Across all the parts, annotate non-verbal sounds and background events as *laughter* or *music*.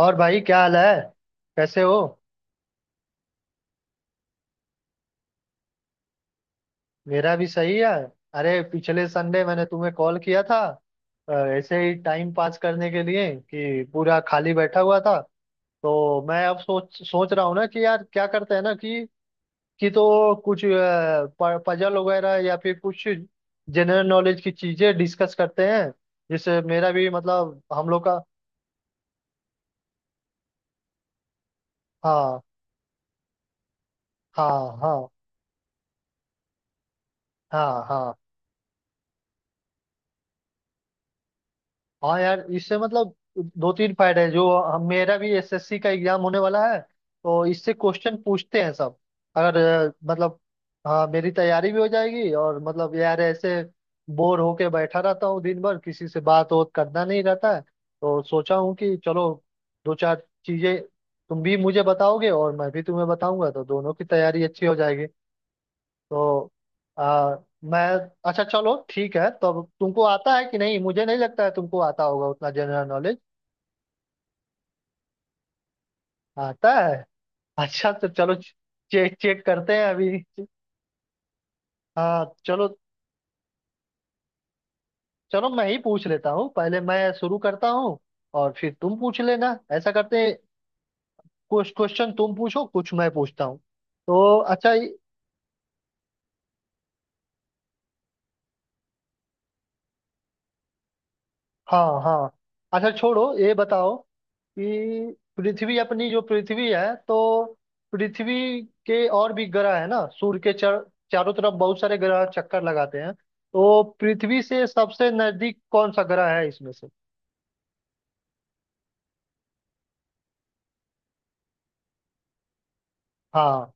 और भाई, क्या हाल है? कैसे हो? मेरा भी सही है। अरे पिछले संडे मैंने तुम्हें कॉल किया था। अ, ऐसे ही टाइम पास करने के लिए कि पूरा खाली बैठा हुआ था। तो मैं अब सोच सोच रहा हूँ ना कि यार, क्या करते हैं ना कि तो कुछ पजल वगैरह या फिर कुछ जनरल नॉलेज की चीजें डिस्कस करते हैं, जिससे मेरा भी, मतलब हम लोग का। हाँ, हाँ। हाँ, हाँ। हाँ, हाँ यार, इससे मतलब दो तीन फायदे हैं, जो मेरा भी एसएससी का एग्जाम होने वाला है। तो इससे क्वेश्चन पूछते हैं सब। अगर मतलब। हाँ, मेरी तैयारी भी हो जाएगी और मतलब यार, ऐसे बोर होके बैठा रहता हूँ दिन भर, किसी से बात वोत करना नहीं रहता है, तो सोचा हूँ कि चलो दो चार चीजें तुम भी मुझे बताओगे और मैं भी तुम्हें बताऊंगा, तो दोनों की तैयारी अच्छी हो जाएगी। तो आ, मैं, अच्छा चलो ठीक है। तो तुमको आता है कि नहीं? मुझे नहीं लगता है तुमको आता होगा उतना जनरल नॉलेज। आता है? अच्छा तो चलो, चेक चेक करते हैं अभी। हाँ चलो, चलो, मैं ही पूछ लेता हूँ, पहले मैं शुरू करता हूँ और फिर तुम पूछ लेना, ऐसा करते हैं। कुछ क्वेश्चन तुम पूछो, कुछ मैं पूछता हूँ। तो अच्छा। हाँ, हाँ। अच्छा छोड़ो, ये बताओ कि पृथ्वी अपनी, जो पृथ्वी है तो पृथ्वी के और भी ग्रह है ना, सूर्य के चारों तरफ बहुत सारे ग्रह चक्कर लगाते हैं। तो पृथ्वी से सबसे नजदीक कौन सा ग्रह है इसमें से? हाँ,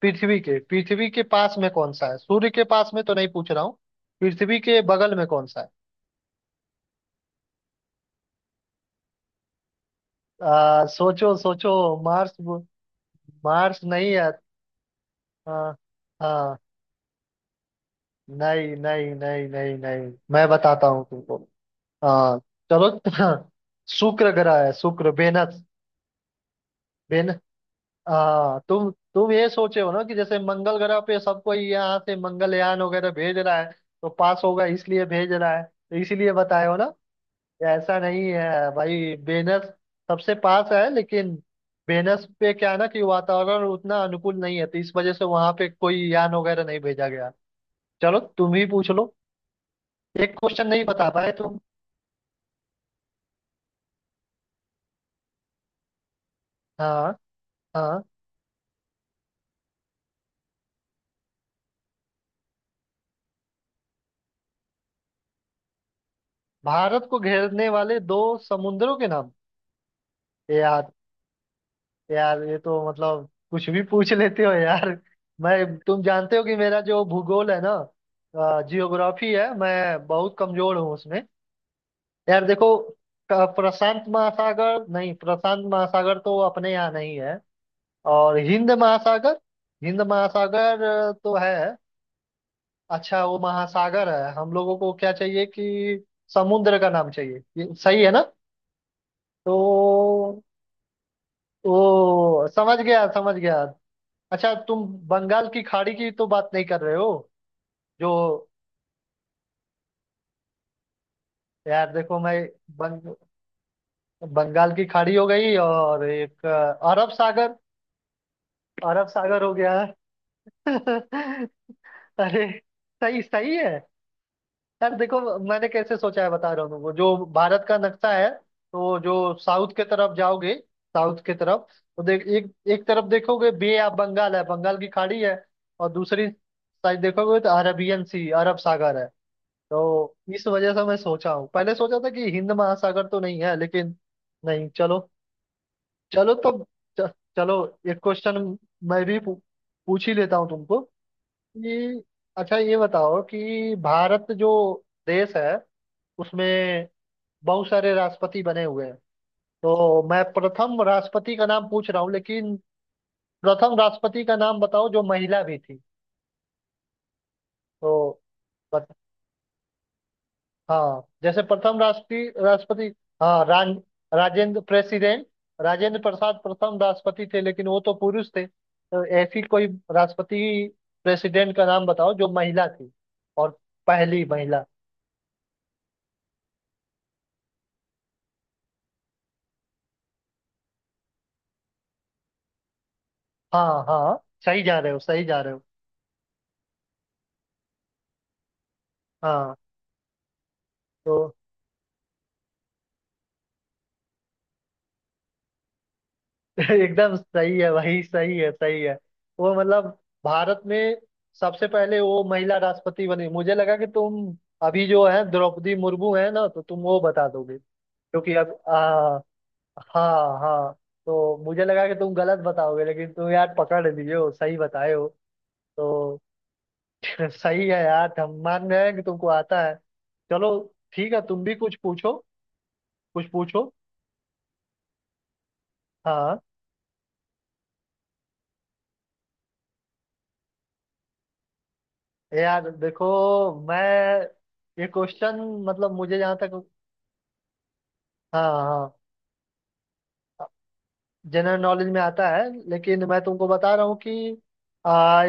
पृथ्वी के पास में कौन सा है? सूर्य के पास में तो नहीं पूछ रहा हूँ। पृथ्वी के बगल में कौन सा है? सोचो, सोचो। मार्स? मार्स नहीं है। हाँ, हाँ। नहीं नहीं नहीं नहीं नहीं, मैं बताता हूँ तुमको। हाँ, चलो। *laughs* शुक्र ग्रह है, शुक्र, वेनस। वेन हाँ, तुम ये सोचे हो ना कि जैसे मंगल ग्रह पे सब कोई यहाँ से मंगलयान वगैरह भेज रहा है, तो पास होगा इसलिए भेज रहा है, तो इसीलिए बताए हो ना। ऐसा नहीं है भाई। वेनस सबसे पास है लेकिन वेनस पे क्या है ना कि वातावरण उतना अनुकूल नहीं है, तो इस वजह से वहां पे कोई यान वगैरह नहीं भेजा गया। चलो तुम ही पूछ लो, एक क्वेश्चन नहीं बता पाए तुम। हाँ, हाँ। भारत को घेरने वाले दो समुद्रों के नाम। यार, यार ये तो मतलब कुछ भी पूछ लेते हो यार। मैं तुम जानते हो कि मेरा जो भूगोल है ना, जियोग्राफी है, मैं बहुत कमजोर हूँ उसमें। यार देखो, प्रशांत महासागर नहीं, प्रशांत महासागर तो अपने यहाँ नहीं है। और हिंद महासागर। हिंद महासागर तो है। अच्छा वो महासागर है, हम लोगों को क्या चाहिए कि समुद्र का नाम चाहिए, ये सही है ना? तो वो समझ गया, समझ गया। अच्छा तुम बंगाल की खाड़ी की तो बात नहीं कर रहे हो? जो, यार देखो मैं, बंग, बंगाल की खाड़ी हो गई और एक अरब सागर, अरब सागर हो गया। *laughs* अरे, सही, सही है। यार देखो, मैंने कैसे सोचा है बता रहा हूँ। वो जो भारत का नक्शा है, तो जो साउथ के तरफ जाओगे, साउथ के तरफ, तो देख एक एक तरफ देखोगे, बे ऑफ बंगाल है, बंगाल की खाड़ी है। और दूसरी साइड देखोगे तो अरबियन सी, अरब सागर है। तो इस वजह से मैं सोचा हूँ, पहले सोचा था कि हिंद महासागर तो नहीं है, लेकिन नहीं, चलो। चलो तो च, चलो, एक क्वेश्चन मैं भी पूछ ही लेता हूँ तुमको कि, अच्छा ये बताओ कि भारत जो देश है, उसमें बहुत सारे राष्ट्रपति बने हुए हैं, तो मैं प्रथम राष्ट्रपति का नाम पूछ रहा हूँ, लेकिन प्रथम राष्ट्रपति का नाम बताओ जो महिला भी थी। तो बत, हाँ, जैसे प्रथम राष्ट्रपति राष्ट्रपति। हाँ, राजेंद्र, प्रेसिडेंट, राजेंद्र प्रसाद प्रथम राष्ट्रपति थे, लेकिन वो तो पुरुष थे, तो ऐसी कोई राष्ट्रपति, प्रेसिडेंट का नाम बताओ जो महिला थी, और पहली महिला। हाँ, हाँ, सही जा रहे हो, सही जा रहे हो। हाँ तो *laughs* एकदम सही है भाई, सही है, सही है। वो मतलब भारत में सबसे पहले वो महिला राष्ट्रपति बनी। मुझे लगा कि तुम अभी जो है द्रौपदी मुर्मू है ना, तो तुम वो बता दोगे, क्योंकि अब हाँ, हाँ, तो मुझे लगा कि तुम गलत बताओगे, लेकिन तुम यार पकड़ लिए हो, सही बताए हो। तो *laughs* सही है यार, हम मान रहे हैं कि तुमको आता है। चलो ठीक है, तुम भी कुछ पूछो, कुछ पूछो। हाँ यार देखो, मैं ये क्वेश्चन, मतलब मुझे जहाँ तक, हाँ, हाँ, जनरल नॉलेज में आता है, लेकिन मैं तुमको बता रहा हूँ कि आ,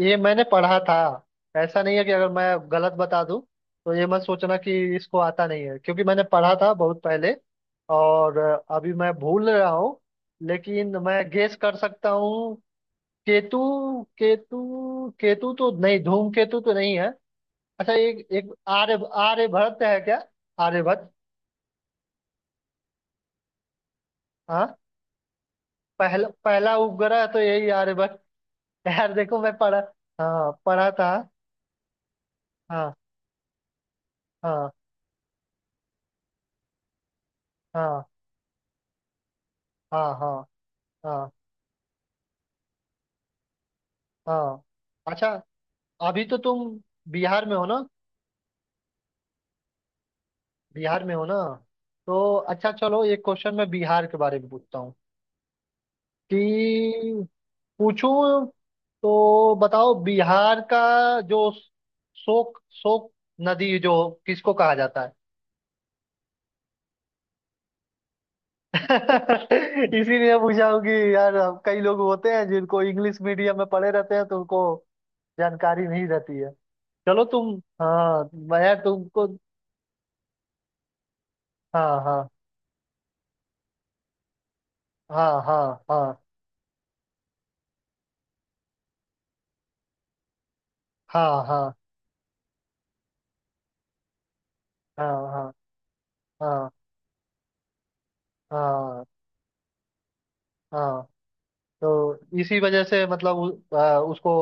ये मैंने पढ़ा था। ऐसा नहीं है कि अगर मैं गलत बता दूँ तो ये मत सोचना कि इसको आता नहीं है, क्योंकि मैंने पढ़ा था बहुत पहले, और अभी मैं भूल रहा हूँ, लेकिन मैं गेस कर सकता हूँ। केतु, केतु, केतु तो नहीं, धूमकेतु तो नहीं है। अच्छा एक एक आर्यभट्ट है क्या? आर्यभट्ट। हाँ, पहला, पहला उपग्रह तो यही आर्यभट्ट। यार देखो मैं पढ़ा, हाँ पढ़ा था। हाँ, हाँ। हाँ, हाँ। हाँ, हाँ, हाँ। अच्छा अभी तो तुम बिहार में हो ना? बिहार में हो ना? तो अच्छा चलो, एक क्वेश्चन मैं बिहार के बारे में पूछता हूँ कि, पूछूं? तो बताओ, बिहार का जो शोक शोक नदी, जो किसको कहा जाता है? *laughs* इसीलिए पूछा हूँ कि यार, हम कई लोग होते हैं जिनको इंग्लिश मीडियम में पढ़े रहते हैं, तो उनको जानकारी नहीं रहती है। चलो तुम, हाँ मैं तुमको। हाँ, हाँ। हाँ, हाँ। हाँ, हाँ। हाँ, हाँ। हाँ, हाँ। हाँ, हाँ। तो इसी वजह से मतलब उसको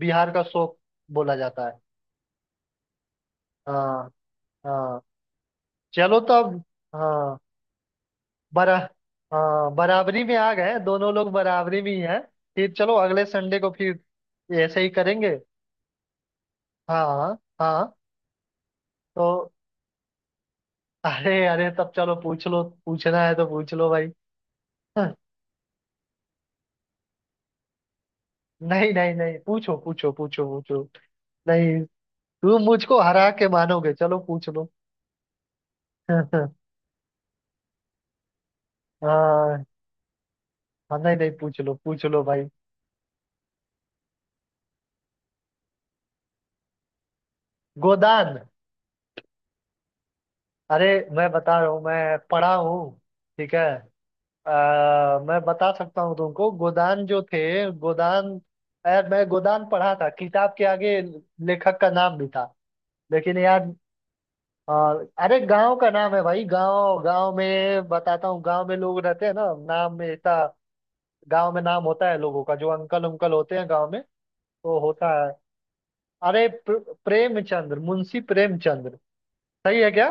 बिहार का शोक बोला जाता है। हाँ, हाँ। चलो तब। हाँ बरा हाँ, बराबरी में आ गए, दोनों लोग बराबरी में ही हैं। फिर चलो अगले संडे को फिर ऐसे ही करेंगे। हाँ, हाँ। तो अरे, अरे तब चलो, पूछ लो, पूछना है तो पूछ लो भाई। हाँ, नहीं नहीं नहीं, पूछो, पूछो, पूछो, पूछो। नहीं, तुम मुझको हरा के मानोगे, चलो पूछ लो। *laughs* हाँ। हाँ, नहीं नहीं, पूछ लो, पूछ लो भाई। गोदान? अरे, मैं बता रहा हूँ, मैं पढ़ा हूँ, ठीक है। मैं बता सकता हूँ तुमको, गोदान जो थे, गोदान, यार मैं गोदान पढ़ा था, किताब के आगे लेखक का नाम भी था, लेकिन यार आ, अरे, गांव का नाम है भाई, गांव गांव में बताता हूँ, गांव में लोग रहते हैं ना, नाम में ऐसा गांव में नाम होता है लोगों का, जो अंकल उंकल होते हैं गांव में, वो होता है। अरे, प्रेमचंद्र, मुंशी प्रेमचंद्र, सही है क्या?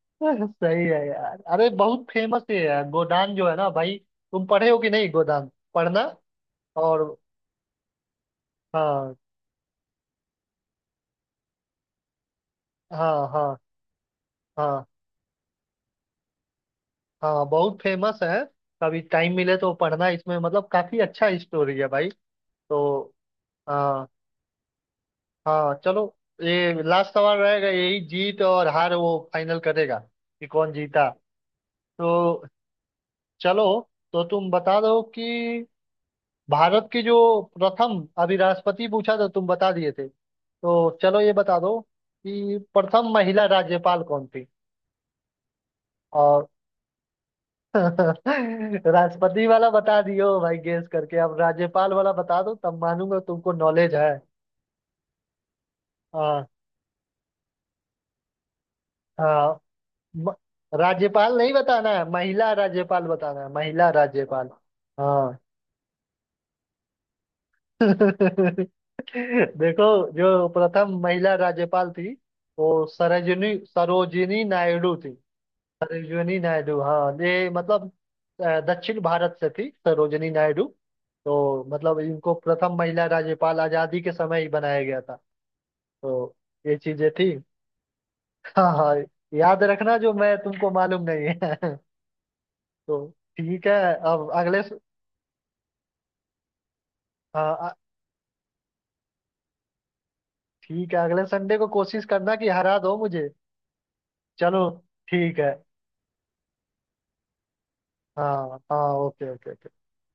*laughs* सही है यार, अरे बहुत फेमस है यार गोदान जो है ना भाई। तुम पढ़े हो कि नहीं गोदान? पढ़ना। और हाँ, हाँ। हाँ, हाँ। हाँ बहुत फेमस है, कभी टाइम मिले तो पढ़ना, इसमें मतलब काफी अच्छा स्टोरी है भाई। तो हाँ, हाँ, चलो, ये लास्ट सवाल रहेगा, यही जीत और हार वो फाइनल करेगा कि कौन जीता। तो चलो, तो तुम बता दो कि भारत की जो प्रथम, अभी राष्ट्रपति पूछा तो तुम बता दिए थे, तो चलो ये बता दो कि प्रथम महिला राज्यपाल कौन थी? और राष्ट्रपति वाला बता दियो भाई गेस करके, अब राज्यपाल वाला बता दो, तब मानूंगा तुमको नॉलेज है। हाँ, हाँ, म- राज्यपाल नहीं बताना है, महिला राज्यपाल बताना है, महिला राज्यपाल। हाँ *laughs* देखो, जो प्रथम महिला राज्यपाल थी, वो सरोजिनी सरोजिनी नायडू थी। सरोजनी नायडू, हाँ, ये मतलब दक्षिण भारत से थी सरोजनी नायडू। तो मतलब इनको प्रथम महिला राज्यपाल आजादी के समय ही बनाया गया था। तो ये चीजें थी। हाँ, हाँ, याद रखना, जो मैं तुमको, मालूम नहीं है। *laughs* तो ठीक है। अब अगले हाँ, ठीक है, अगले संडे को कोशिश करना कि हरा दो मुझे। चलो ठीक है। हाँ, हाँ, ओके, ओके।